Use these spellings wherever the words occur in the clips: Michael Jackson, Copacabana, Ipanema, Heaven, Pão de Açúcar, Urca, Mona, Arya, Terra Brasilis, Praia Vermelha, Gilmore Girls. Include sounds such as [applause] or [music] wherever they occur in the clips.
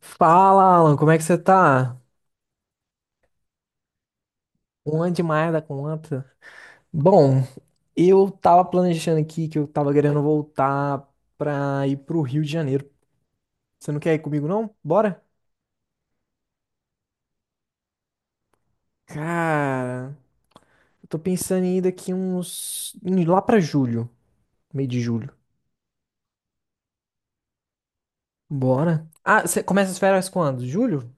Fala, Alan, como é que você tá? Uma demais da conta. Bom, eu tava planejando aqui que eu tava querendo voltar pra ir pro Rio de Janeiro. Você não quer ir comigo, não? Bora? Cara, eu tô pensando em ir daqui lá pra julho, meio de julho. Bora? Ah, você começa as férias quando? Julho?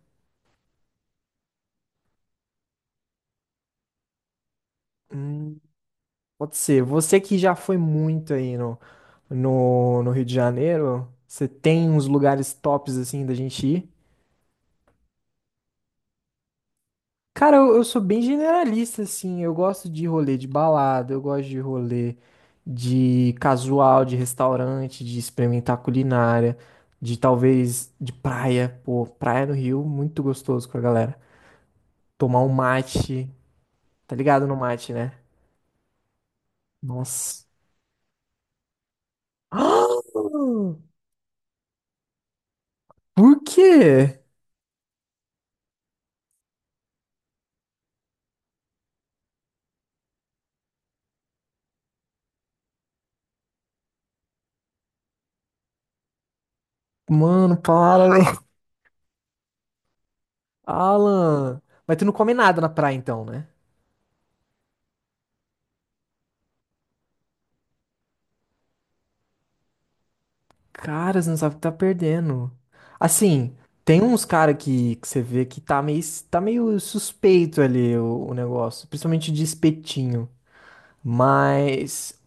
Hum, Pode ser. Você que já foi muito aí no, no Rio de Janeiro, você tem uns lugares tops assim da gente ir? Cara, eu sou bem generalista, assim. Eu gosto de rolê de balada, eu gosto de rolê de casual, de restaurante, de experimentar culinária, de talvez de praia. Pô, praia no Rio, muito gostoso com a galera. Tomar um mate. Tá ligado no mate, né? Nossa. [gasps] Por quê? Mano, para, velho. Alan. Mas tu não come nada na praia, então, né? Cara, você não sabe o que tá perdendo. Assim, tem uns cara que você vê que tá meio suspeito ali o negócio, principalmente de espetinho. Mas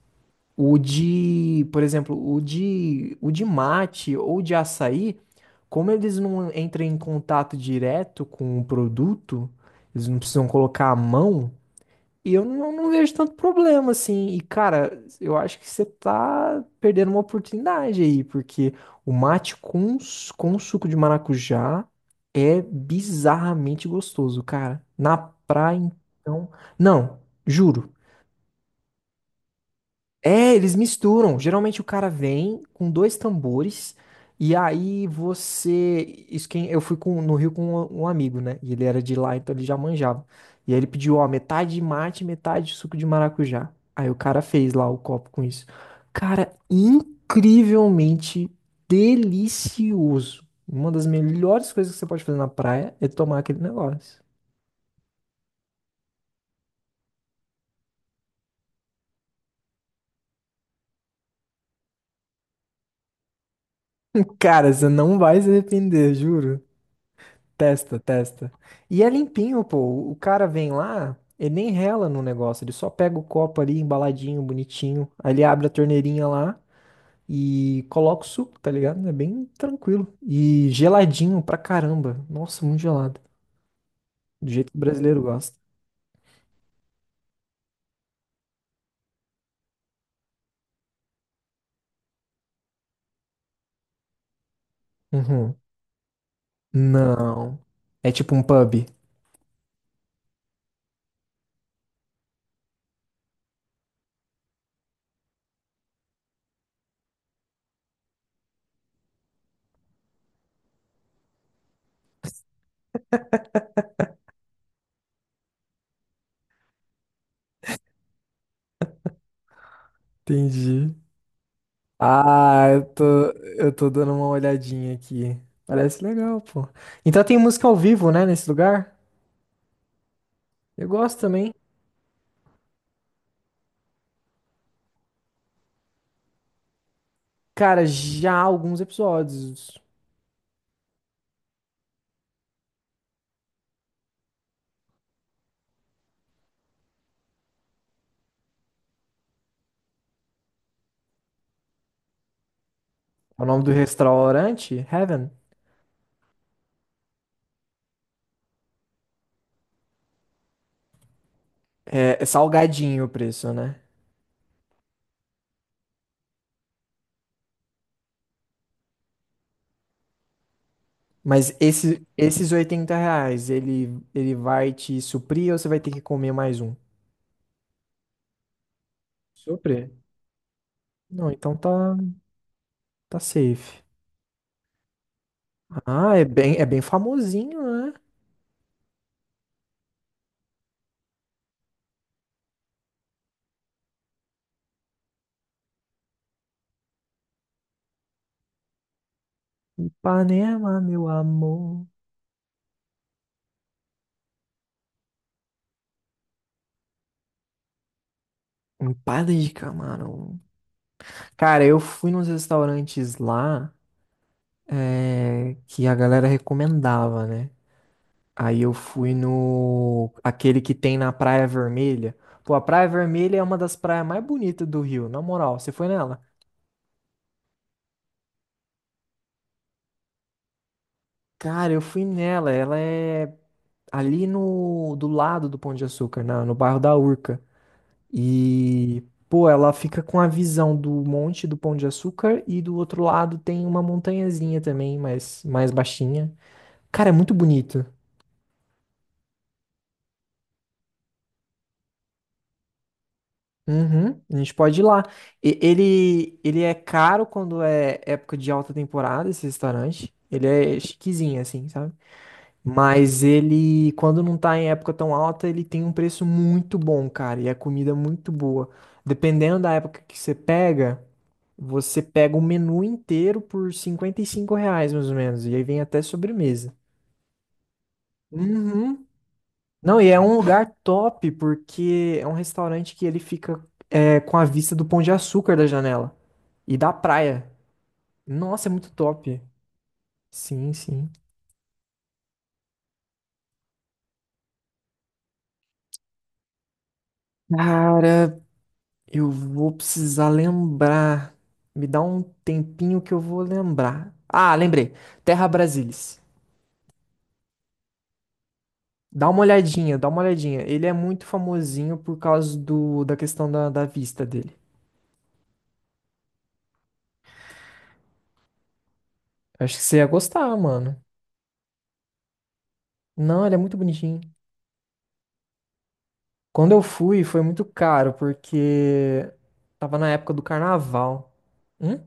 o de, por exemplo, o de mate ou de açaí, como eles não entram em contato direto com o produto, eles não precisam colocar a mão. E eu não vejo tanto problema, assim. E, cara, eu acho que você tá perdendo uma oportunidade aí, porque o mate com suco de maracujá é bizarramente gostoso, cara. Na praia, então. Não, juro. É, eles misturam. Geralmente o cara vem com dois tambores e aí isso quem eu fui no Rio com um amigo, né? E ele era de lá, então ele já manjava. E aí ele pediu, ó, metade de mate, metade de suco de maracujá. Aí o cara fez lá o copo com isso. Cara, incrivelmente delicioso. Uma das melhores coisas que você pode fazer na praia é tomar aquele negócio. [laughs] Cara, você não vai se arrepender, juro. Testa, testa. E é limpinho, pô. O cara vem lá, ele nem rela no negócio, ele só pega o copo ali embaladinho, bonitinho. Aí ele abre a torneirinha lá e coloca o suco, tá ligado? É bem tranquilo. E geladinho pra caramba. Nossa, muito gelado. Do jeito que o brasileiro gosta. Uhum. Não. É tipo um pub. Entendi. Ah, eu tô dando uma olhadinha aqui. Parece legal, pô. Então tem música ao vivo, né, nesse lugar? Eu gosto também. Cara, já há alguns episódios. O nome do restaurante, Heaven, é salgadinho o preço, né? Mas esses R$ 80, ele vai te suprir ou você vai ter que comer mais um? Suprir. Não, então tá safe. Ah, é bem famosinho, né? Ipanema, meu amor. Empada de camarão. Cara, eu fui nos restaurantes lá, é, que a galera recomendava, né? Aí eu fui no. Aquele que tem na Praia Vermelha. Pô, a Praia Vermelha é uma das praias mais bonitas do Rio, na moral. Você foi nela? Cara, eu fui nela. Ela é ali no. Do lado do Pão de Açúcar, no bairro da Urca. E. Pô, ela fica com a visão do monte do Pão de Açúcar e do outro lado tem uma montanhazinha também, mas mais baixinha. Cara, é muito bonito. Uhum, a gente pode ir lá. Ele é caro quando é época de alta temporada, esse restaurante. Ele é chiquezinho, assim, sabe? Mas ele, quando não tá em época tão alta, ele tem um preço muito bom, cara. E a comida é muito boa. Dependendo da época que você pega o menu inteiro por R$ 55, mais ou menos. E aí vem até sobremesa. Uhum. Não, e é um lugar top, porque é um restaurante que ele fica é, com a vista do Pão de Açúcar da janela. E da praia. Nossa, é muito top. Sim, sim. Cara, eu vou precisar lembrar. Me dá um tempinho que eu vou lembrar. Ah, lembrei. Terra Brasilis. Dá uma olhadinha, dá uma olhadinha. Ele é muito famosinho por causa da questão da vista dele. Acho que você ia gostar, mano. Não, ele é muito bonitinho. Quando eu fui, foi muito caro, porque tava na época do carnaval. Hum?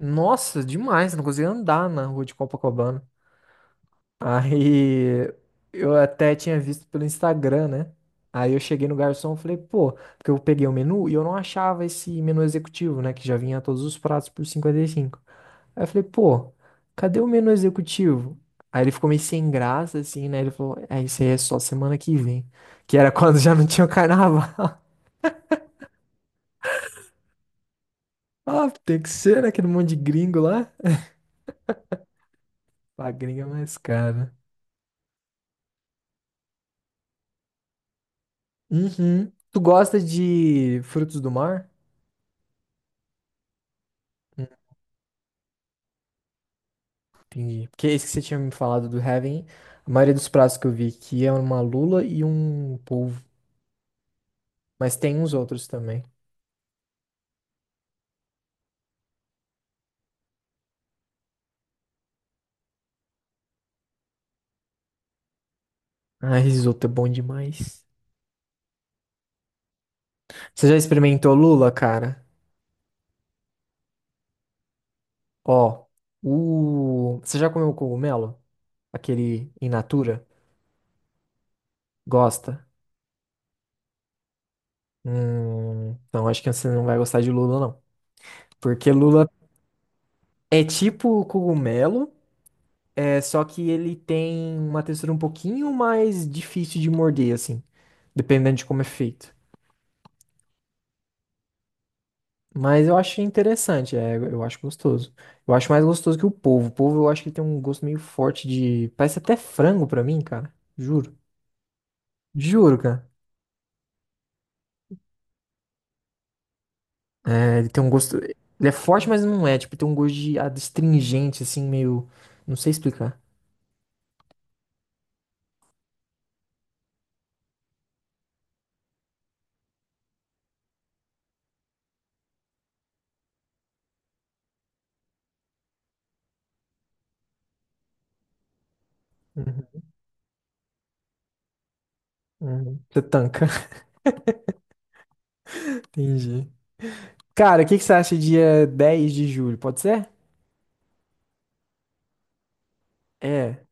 Nossa, demais. Não conseguia andar na rua de Copacabana. Aí eu até tinha visto pelo Instagram, né? Aí eu cheguei no garçom e falei, pô, porque eu peguei o menu e eu não achava esse menu executivo, né? Que já vinha todos os pratos por 55. Aí eu falei, pô, cadê o menu executivo? Aí ele ficou meio sem graça, assim, né? Ele falou, é, isso aí é só semana que vem. Que era [laughs] quando já não tinha o carnaval. [laughs] Ah, tem que ser, né? Aquele monte de gringo lá. A gringa é mais cara. Uhum. Tu gosta de frutos do mar? Entendi. Porque esse que você tinha me falado do Heaven, a maioria dos pratos que eu vi aqui é uma lula e um polvo. Mas tem uns outros também. Ah, risoto é bom demais. Você já experimentou lula, cara? Ó, Você já comeu cogumelo? Aquele in natura? Gosta? Não, acho que você não vai gostar de lula, não. Porque lula é tipo cogumelo, é só que ele tem uma textura um pouquinho mais difícil de morder, assim. Dependendo de como é feito. Mas eu acho interessante, é, eu acho gostoso. Eu acho mais gostoso que o polvo. O polvo eu acho que tem um gosto meio forte de. Parece até frango pra mim, cara. Juro. Juro, cara. É, ele tem um gosto. Ele é forte, mas não é. Tipo, tem um gosto de astringente, assim, meio. Não sei explicar. Uhum, uhum. Você tanca. [laughs] Entendi. Cara, o que que você acha dia 10 de julho? Pode ser? É,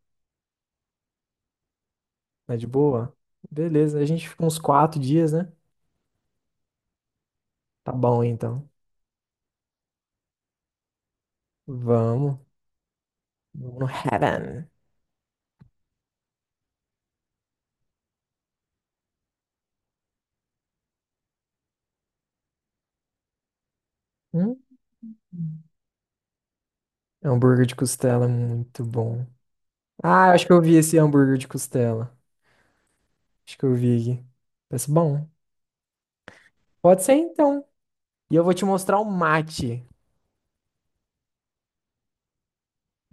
tá de boa? Beleza, a gente fica uns 4 dias, né? Tá bom, então. Vamos. Vamos no Heaven. Hum? Hambúrguer de costela, é muito bom. Ah, eu acho que eu vi esse hambúrguer de costela. Acho que eu vi aqui. Parece bom. Pode ser então. E eu vou te mostrar o mate.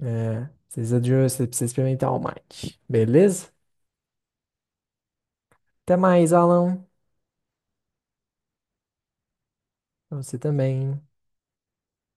É, você precisa experimentar o mate. Beleza? Até mais, Alan. Pra você também.